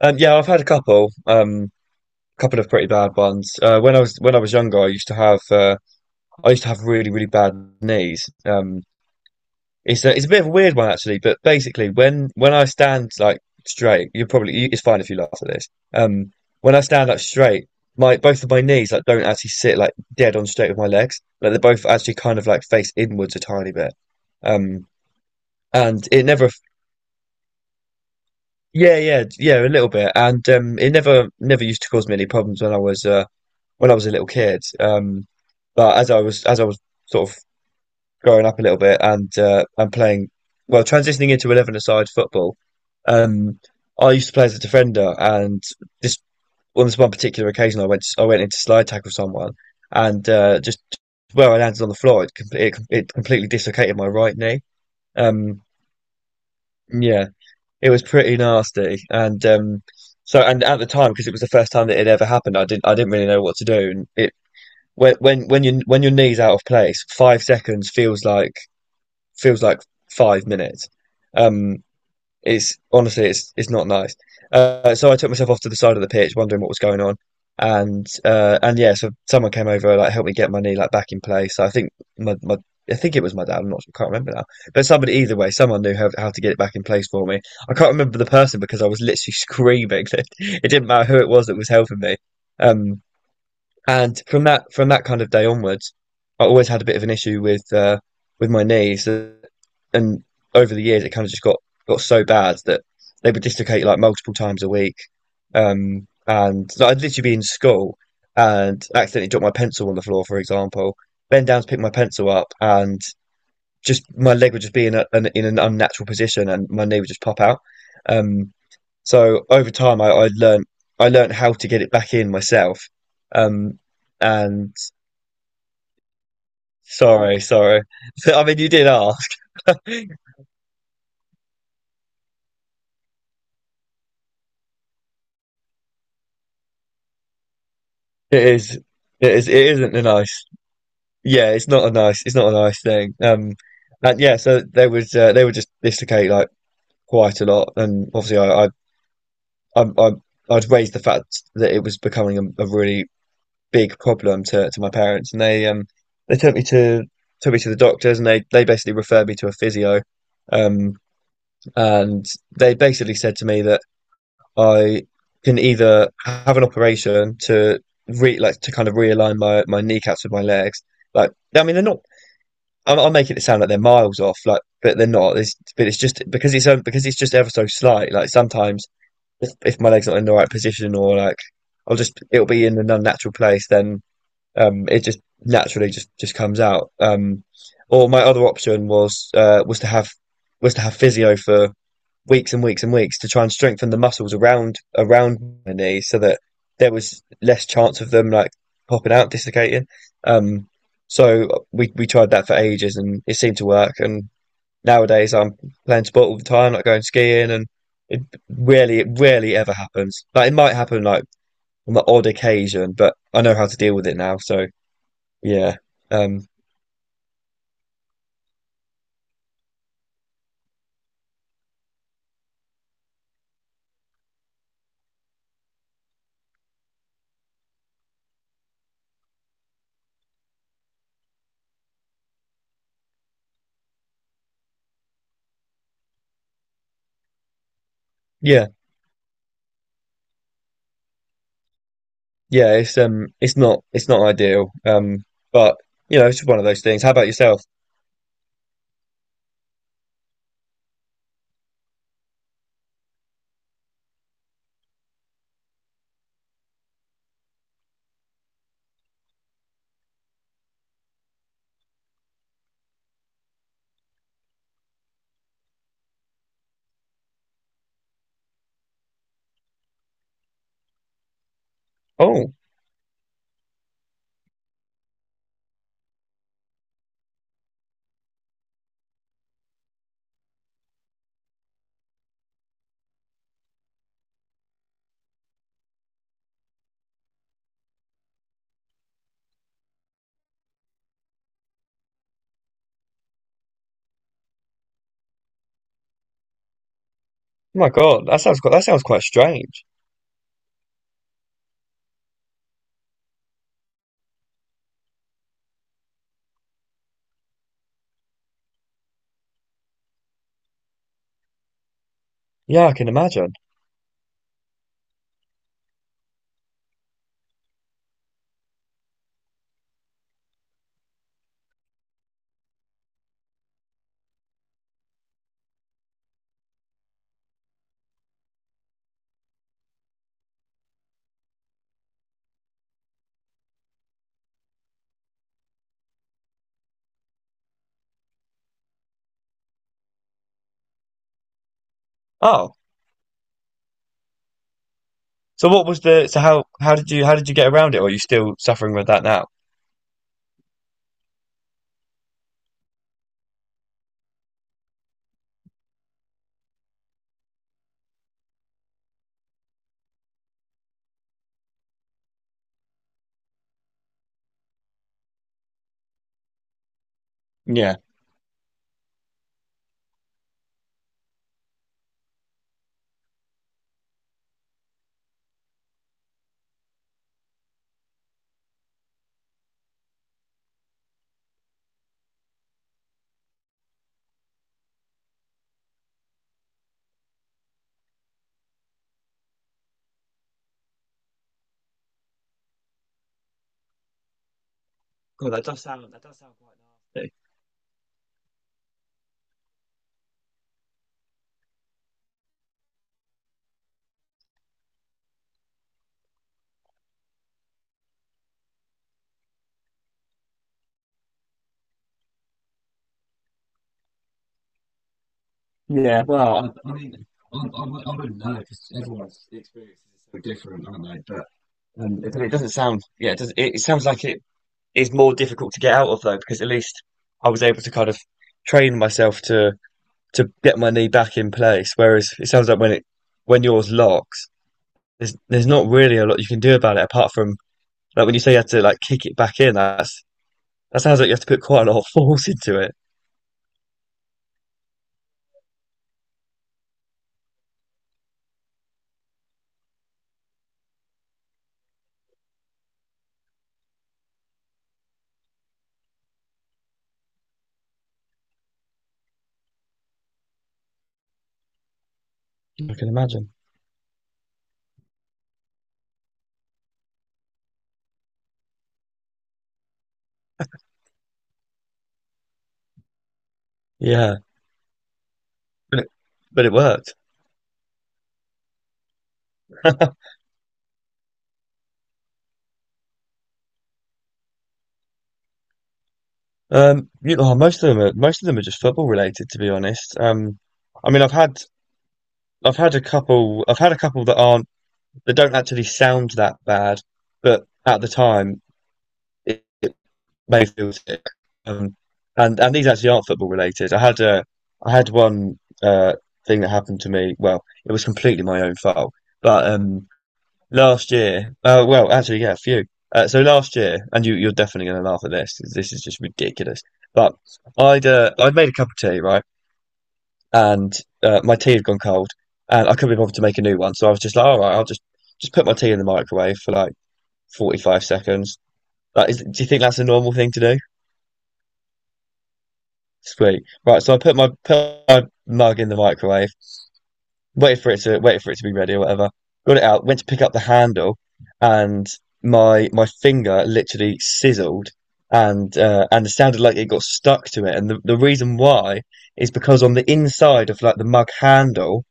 Yeah, I've had a couple, couple of pretty bad ones. When I was younger, I used to have I used to have really bad knees. It's a bit of a weird one actually, but basically when I stand like straight, it's fine if you laugh at this. When I stand up straight, my both of my knees like don't actually sit like dead on straight with my legs. Like they're both actually kind of like face inwards a tiny bit. Um, and it never, Yeah, yeah, yeah, a little bit. And it never used to cause me any problems when I was a little kid. But as I was sort of growing up a little bit and playing, well, transitioning into 11-a-side football, um, I used to play as a defender. And this on this one particular occasion, I went into slide tackle someone, and just where I landed on the floor, it completely dislocated my right knee. Um, yeah, it was pretty nasty, and at the time because it was the first time that it ever happened, I didn't really know what to do, and it when your knee's out of place, 5 seconds feels like 5 minutes. Um, it's honestly it's not nice. So I took myself off to the side of the pitch, wondering what was going on, and yeah, so someone came over like helped me get my knee like back in place. So I think my, my I think it was my dad. I can't remember now, but somebody either way, someone knew how to get it back in place for me. I can't remember the person because I was literally screaming. It didn't matter who it was that was helping me. Um, and from that kind of day onwards, I always had a bit of an issue with my knees, and over the years it kind of just got so bad that they would dislocate like multiple times a week. And so I'd literally be in school and accidentally drop my pencil on the floor, for example, bend down to pick my pencil up, and just my leg would just be in in an unnatural position, and my knee would just pop out. Um, so over time, I learned how to get it back in myself. Um, and Sorry, sorry. So, I mean, you did ask. It is, it isn't a nice. Yeah, it's not a nice. It's not a nice thing. And yeah, so they would just dislocate like quite a lot, and obviously I, I I'd raised the fact that it was becoming a really big problem to my parents, and they took me to the doctors, and they basically referred me to a physio. Um, And they basically said to me that I can either have an operation to re like to kind of realign my kneecaps with my legs. Like, I mean, they're not. I'm making it sound like they're miles off, like, but they're not. But it's just because it's just ever so slight. Like sometimes, if my leg's not in the right position, or like I'll just it'll be in an unnatural place, then it just naturally just comes out. Or my other option was was to have physio for weeks and weeks and weeks to try and strengthen the muscles around my knee so that there was less chance of them like popping out, dislocating. Um, so we tried that for ages and it seemed to work. And nowadays I'm playing sport all the time, like going skiing, and it it rarely ever happens. Like it might happen like on the odd occasion, but I know how to deal with it now. So yeah, um, yeah, yeah. It's not it's not ideal. But you know, it's one of those things. How about yourself? Oh, oh my God, that sounds that sounds quite strange. Yeah, I can imagine. Oh, so what was the, so how, how did you get around it? Or are you still suffering with that now? Yeah. God, that does sound quite nasty. Yeah, well, I mean, It doesn't sound, yeah, it does, it sounds like it is more difficult to get out of though, because at least I was able to kind of train myself to get my knee back in place. Whereas it sounds like when yours locks, there's not really a lot you can do about it apart from, like when you say you had to like kick it back in, that's, that sounds like you have to put quite a lot of force into it. I can imagine. Yeah, but it, but it worked. You know, most of them are most of them are just football related, to be honest. I mean, I've had a couple I've had a couple that aren't. They don't actually sound that bad, but at the time, it may feel sick. Um, and and these actually aren't football related. I had a I had one thing that happened to me. Well, it was completely my own fault, but last year, well, actually, yeah, a few. So last year, and you're definitely going to laugh at this. 'Cause this is just ridiculous. But I'd made a cup of tea, right, and my tea had gone cold, and I couldn't be bothered to make a new one. So I was just like, all right, I'll just put my tea in the microwave for like 45 seconds. Like, is, do you think that's a normal thing to do? Sweet. Right, so I put my mug in the microwave, waited for it to be ready or whatever. Got it out, went to pick up the handle, and my finger literally sizzled, and it sounded like it got stuck to it. And the reason why is because on the inside of like the mug handle,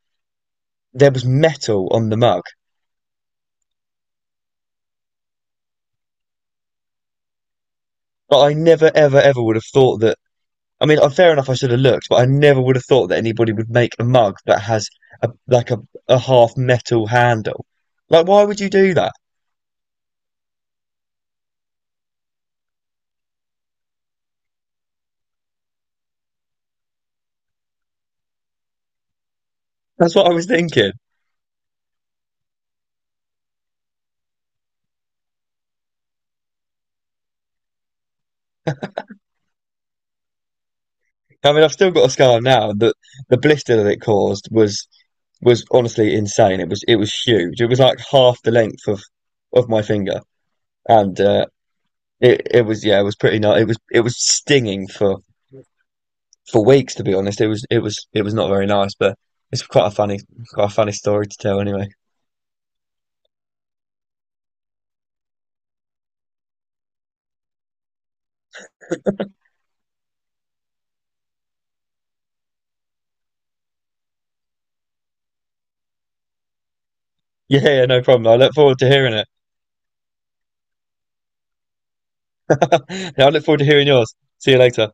there was metal on the mug. But I never ever ever would have thought that I mean, fair enough. I should have looked, but I never would have thought that anybody would make a mug that has a a half metal handle. Like, why would you do that? That's what I was thinking. I mean, I've still got a scar now. The blister that it caused was honestly insane. It was huge. It was like half the length of my finger, and it it was yeah, it was pretty nice. It was stinging for weeks, to be honest. It was it was it was not very nice, but it's quite a funny story to tell anyway. Yeah, yeah, no problem. I look forward to hearing it. Yeah, I look forward to hearing yours. See you later.